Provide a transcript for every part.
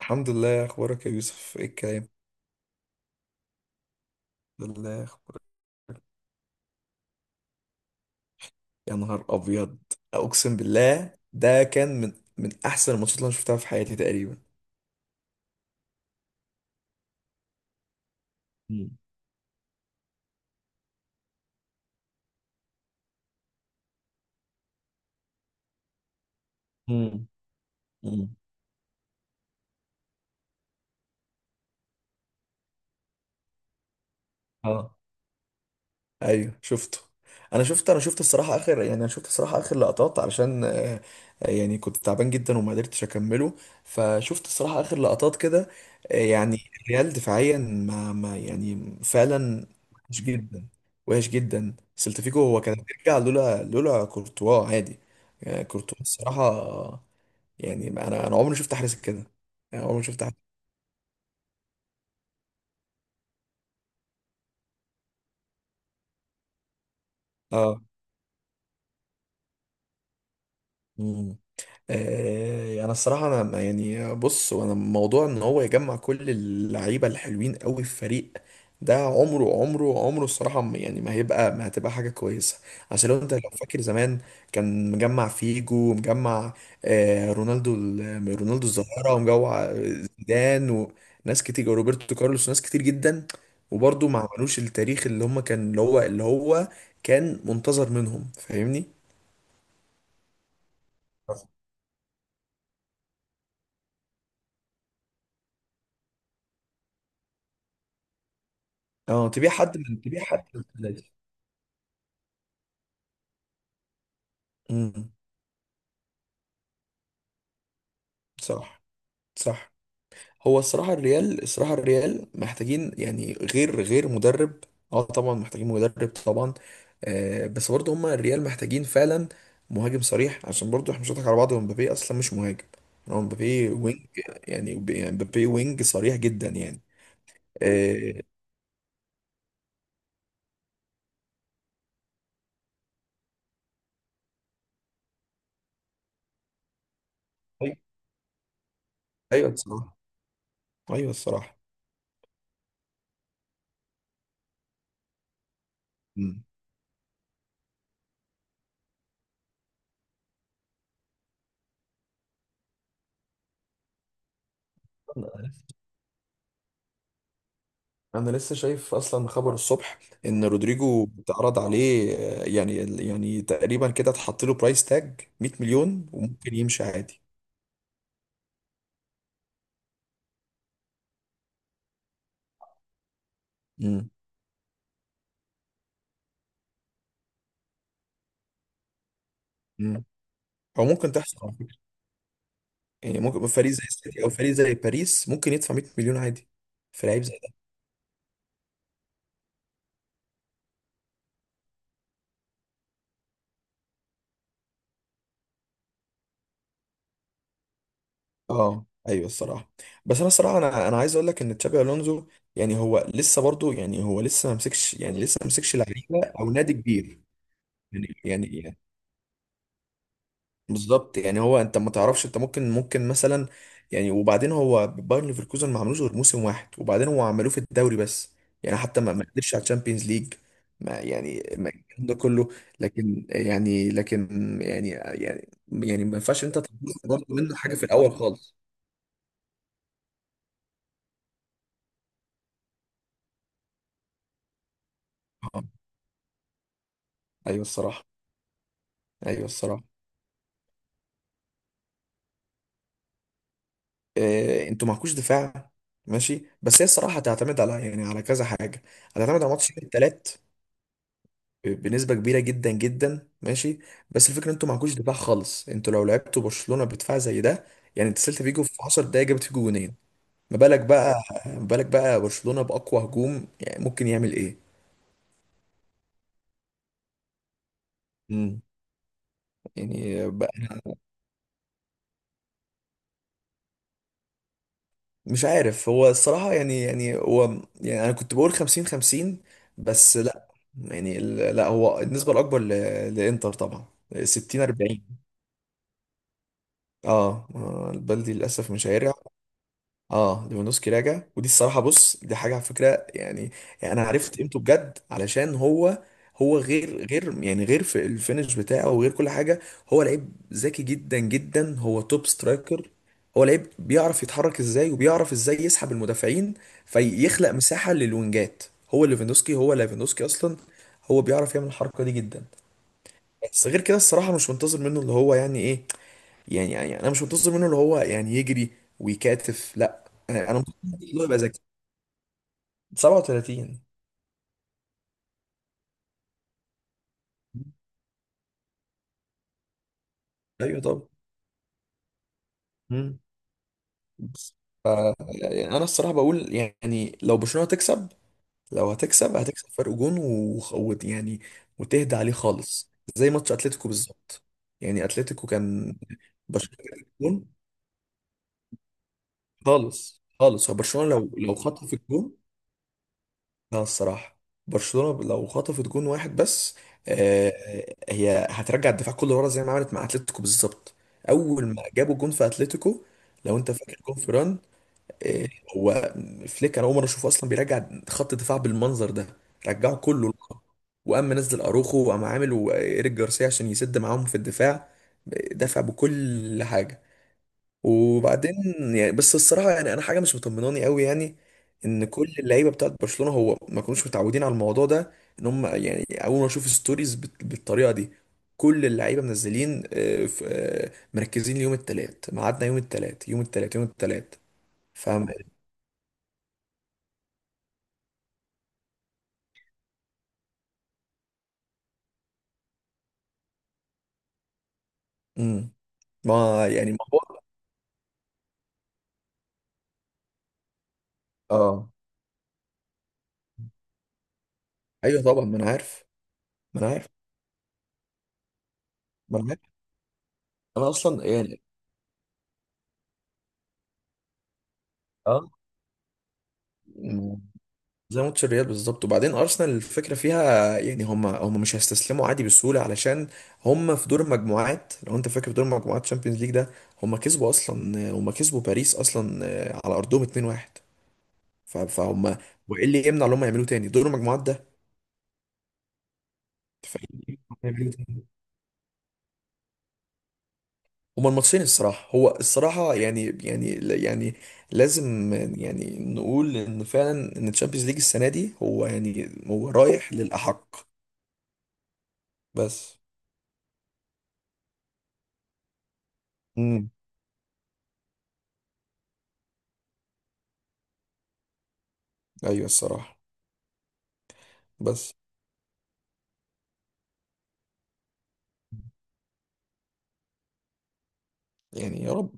الحمد لله، اخبارك يا يوسف؟ ايه الكلام؟ الحمد لله، اخبارك؟ يا نهار ابيض، اقسم بالله ده كان من احسن الماتشات اللي انا شفتها في حياتي تقريبا. مم. مم. مم. اه، ايوه شفته. انا شفت الصراحه اخر لقطات علشان يعني كنت تعبان جدا وما قدرتش اكمله. فشفت الصراحه اخر لقطات كده. يعني الريال دفاعيا ما, ما يعني فعلا وحش جدا. وحش جدا. سلتفيكو هو كان بيرجع لولا كورتوا، عادي. كورتوا الصراحه. يعني انا عمري ما شفت حارس كده، يعني عمري ما شفت حارس. اه. انا الصراحه، انا ما- يعني بص، وانا موضوع ان هو يجمع كل اللعيبه الحلوين قوي في فريق، ده عمره الصراحه، يعني ما هتبقى حاجه كويسه. عشان لو فاكر زمان، كان مجمع فيجو، مجمع رونالدو، رونالدو الظاهره، ومجمع زيدان، وناس كتير، روبرتو كارلوس وناس كتير جدا. وبرضه ما عملوش التاريخ اللي هم كان اللي هو اللي هو كان منتظر منهم، فاهمني؟ اه، تبيع حد من الثلاثة. امم. صح. صح. هو الصراحة الريال محتاجين، يعني، غير مدرب. اه، طبعا محتاجين مدرب طبعا. بس برضه هما الريال محتاجين فعلا مهاجم صريح، عشان برضه احنا مش هنضحك على بعض. هو مبابي اصلا مش مهاجم، يعني هو مبابي وينج. يعني مبابي وينج صريح جدا يعني. آه ايوه الصراحة. ايوه الصراحة. مم. انا لسه شايف اصلا خبر الصبح ان رودريجو اتعرض عليه، يعني يعني تقريبا كده اتحط له برايس تاج 100 مليون، وممكن يمشي عادي. امم. امم. او ممكن تحصل، على فكره، يعني ممكن فريق زي السيتي او فريق زي باريس ممكن يدفع 100 مليون عادي في لعيب زي ده. اه، ايوه الصراحه. بس انا الصراحه انا عايز اقول لك ان تشابي الونزو، يعني هو لسه برضو، يعني هو لسه ما مسكش يعني لسه ما مسكش لعيبه او نادي كبير. يعني بالظبط، يعني هو انت ما تعرفش، انت ممكن مثلا، يعني. وبعدين هو بايرن ليفركوزن ما عملوش غير موسم واحد، وبعدين هو عملوه في الدوري بس، يعني حتى ما قدرش على الشامبيونز ليج. ما يعني، ما الكلام ده كله. لكن يعني، ما ينفعش انت تطلب برضه منه حاجه في الاول خالص. اه، ايوه الصراحه. ايوه الصراحه. إيه، انتوا معكوش دفاع؟ ماشي، بس هي الصراحه هتعتمد على، يعني، على كذا حاجه. هتعتمد على ماتش الثلاث بنسبة كبيرة جدا جدا، ماشي. بس الفكرة، انتوا معكوش دفاع خالص. انتوا لو لعبتوا برشلونة بدفاع زي ده، يعني انت، سيلتا فيجو في 10 دقايق جابت فيجو جونين. ما بالك بقى، برشلونة بأقوى هجوم يعني ممكن يعمل ايه؟ امم. يعني بقى. مش عارف، هو الصراحة، يعني يعني هو يعني انا كنت بقول 50 50. بس لا، يعني لا، هو النسبة الأكبر لإنتر طبعا. 60 40. اه، البلدي للأسف مش هيرجع. اه، ليفاندوسكي راجع، ودي الصراحه، بص دي حاجه على فكره، يعني، يعني انا عرفت قيمته بجد علشان هو، هو غير في الفينش بتاعه وغير كل حاجه. هو لعيب ذكي جدا جدا، هو توب سترايكر. هو لعيب بيعرف يتحرك ازاي، وبيعرف ازاي يسحب المدافعين، فيخلق مساحه للوينجات. هو ليفاندوسكي اصلا، هو بيعرف يعمل الحركه دي جدا. بس غير كده الصراحه مش منتظر منه اللي هو، يعني، ايه؟ يعني انا مش منتظر منه اللي هو يعني يجري ويكاتف، لا. انا منتظر منه اللي هو يبقى ذكي. 37. ايوه، طب. مم. بس يعني انا الصراحه بقول، يعني لو برشلونه تكسب، لو هتكسب، هتكسب فرق جون، يعني، وتهدى عليه خالص زي ماتش اتلتيكو بالظبط. يعني اتلتيكو كان، برشلونه جون، خالص خالص. هو برشلونه لو خطف الجون. لا الصراحة، برشلونة لو خطفت جون واحد بس، آه، هي هترجع الدفاع كله ورا زي ما عملت مع اتلتيكو بالظبط. أول ما جابوا جون في اتلتيكو، لو أنت فاكر جون فيران، آه، هو، فليك، أنا أول مرة أشوفه أصلا بيرجع خط الدفاع بالمنظر ده. رجعه كله لورا. وقام منزل أروخو، وقام عامل وإيريك جارسيا عشان يسد معاهم في الدفاع. دفع بكل حاجة. وبعدين، يعني، بس الصراحه يعني انا حاجه مش مطمناني قوي، يعني، ان كل اللعيبه بتاعت برشلونه، هو ما كانوش متعودين على الموضوع ده، ان هم، يعني، اول ما اشوف ستوريز بالطريقه دي، كل اللعيبه منزلين، مركزين ليوم الثلاث. ميعادنا يوم الثلاث، يوم الثلاث، يوم الثلاث. فاهم. امم. ما يعني الموضوع. اه، ايوه طبعا، ما انا عارف. ما انا عارف. ما انا عارف. انا اصلا، يعني، اه، زي ماتش الريال بالظبط. وبعدين ارسنال الفكره فيها، يعني هم مش هيستسلموا عادي بسهوله، علشان هم في دور المجموعات، لو انت فاكر، في دور المجموعات تشامبيونز ليج ده، هم كسبوا باريس اصلا على ارضهم 2-1. فهم، وايه اللي يمنع ان هم يعملوه تاني دور المجموعات ده؟ يعملوه تاني. هما الماتشين الصراحه، هو الصراحه، يعني، يعني لازم يعني نقول ان فعلا ان تشامبيونز ليج السنه دي، هو يعني هو رايح للاحق. بس. امم. ايوه الصراحه. بس يعني، يا رب.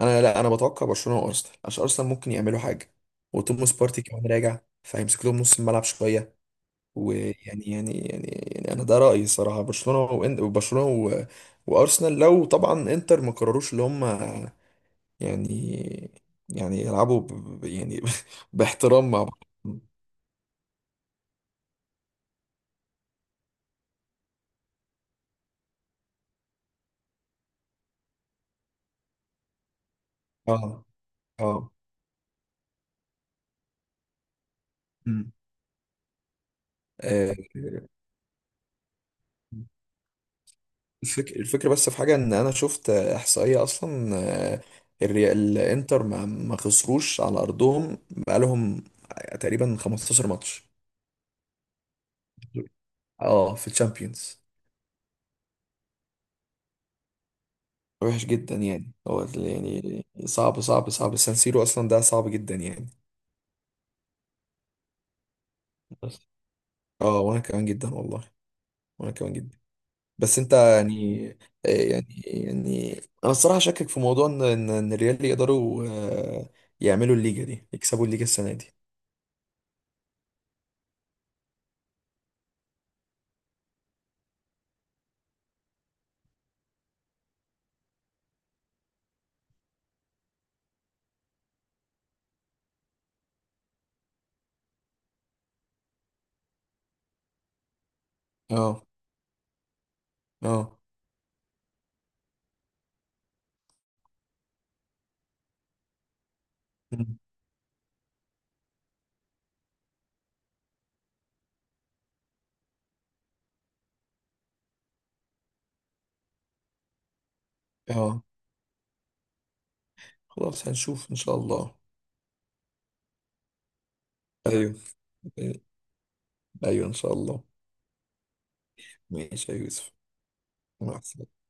انا لا، انا بتوقع برشلونه وارسنال، عشان ارسنال ممكن يعملوا حاجه، وتوماس بارتي كمان راجع، فهيمسك لهم نص الملعب شويه. ويعني يعني يعني يعني انا ده رايي، الصراحه برشلونه وبرشلونه وارسنال، لو طبعا انتر ما قرروش اللي هم، يعني يعني يلعبوا يعني، باحترام مع بعض. اه. اه. مم. آه، الفكرة، بس في حاجة ان انا شفت احصائية اصلا. آه، الانتر ما خسروش على ارضهم بقالهم تقريبا 15 ماتش. اه، في الشامبيونز. وحش جدا، يعني هو يعني صعب صعب صعب، سان سيرو اصلا ده صعب جدا يعني. بس. اه، وانا كمان جدا والله. وانا كمان جدا. بس انت يعني، آه، يعني يعني انا الصراحة شاكك في موضوع ان إن الريال يقدروا، يعملوا الليجا دي، يكسبوا الليجا السنة دي. اه. اه. مم. اه، خلاص، هنشوف ان شاء الله. ايوه. ايوه ان شاء الله. ماشي يا يوسف. مع السلامة.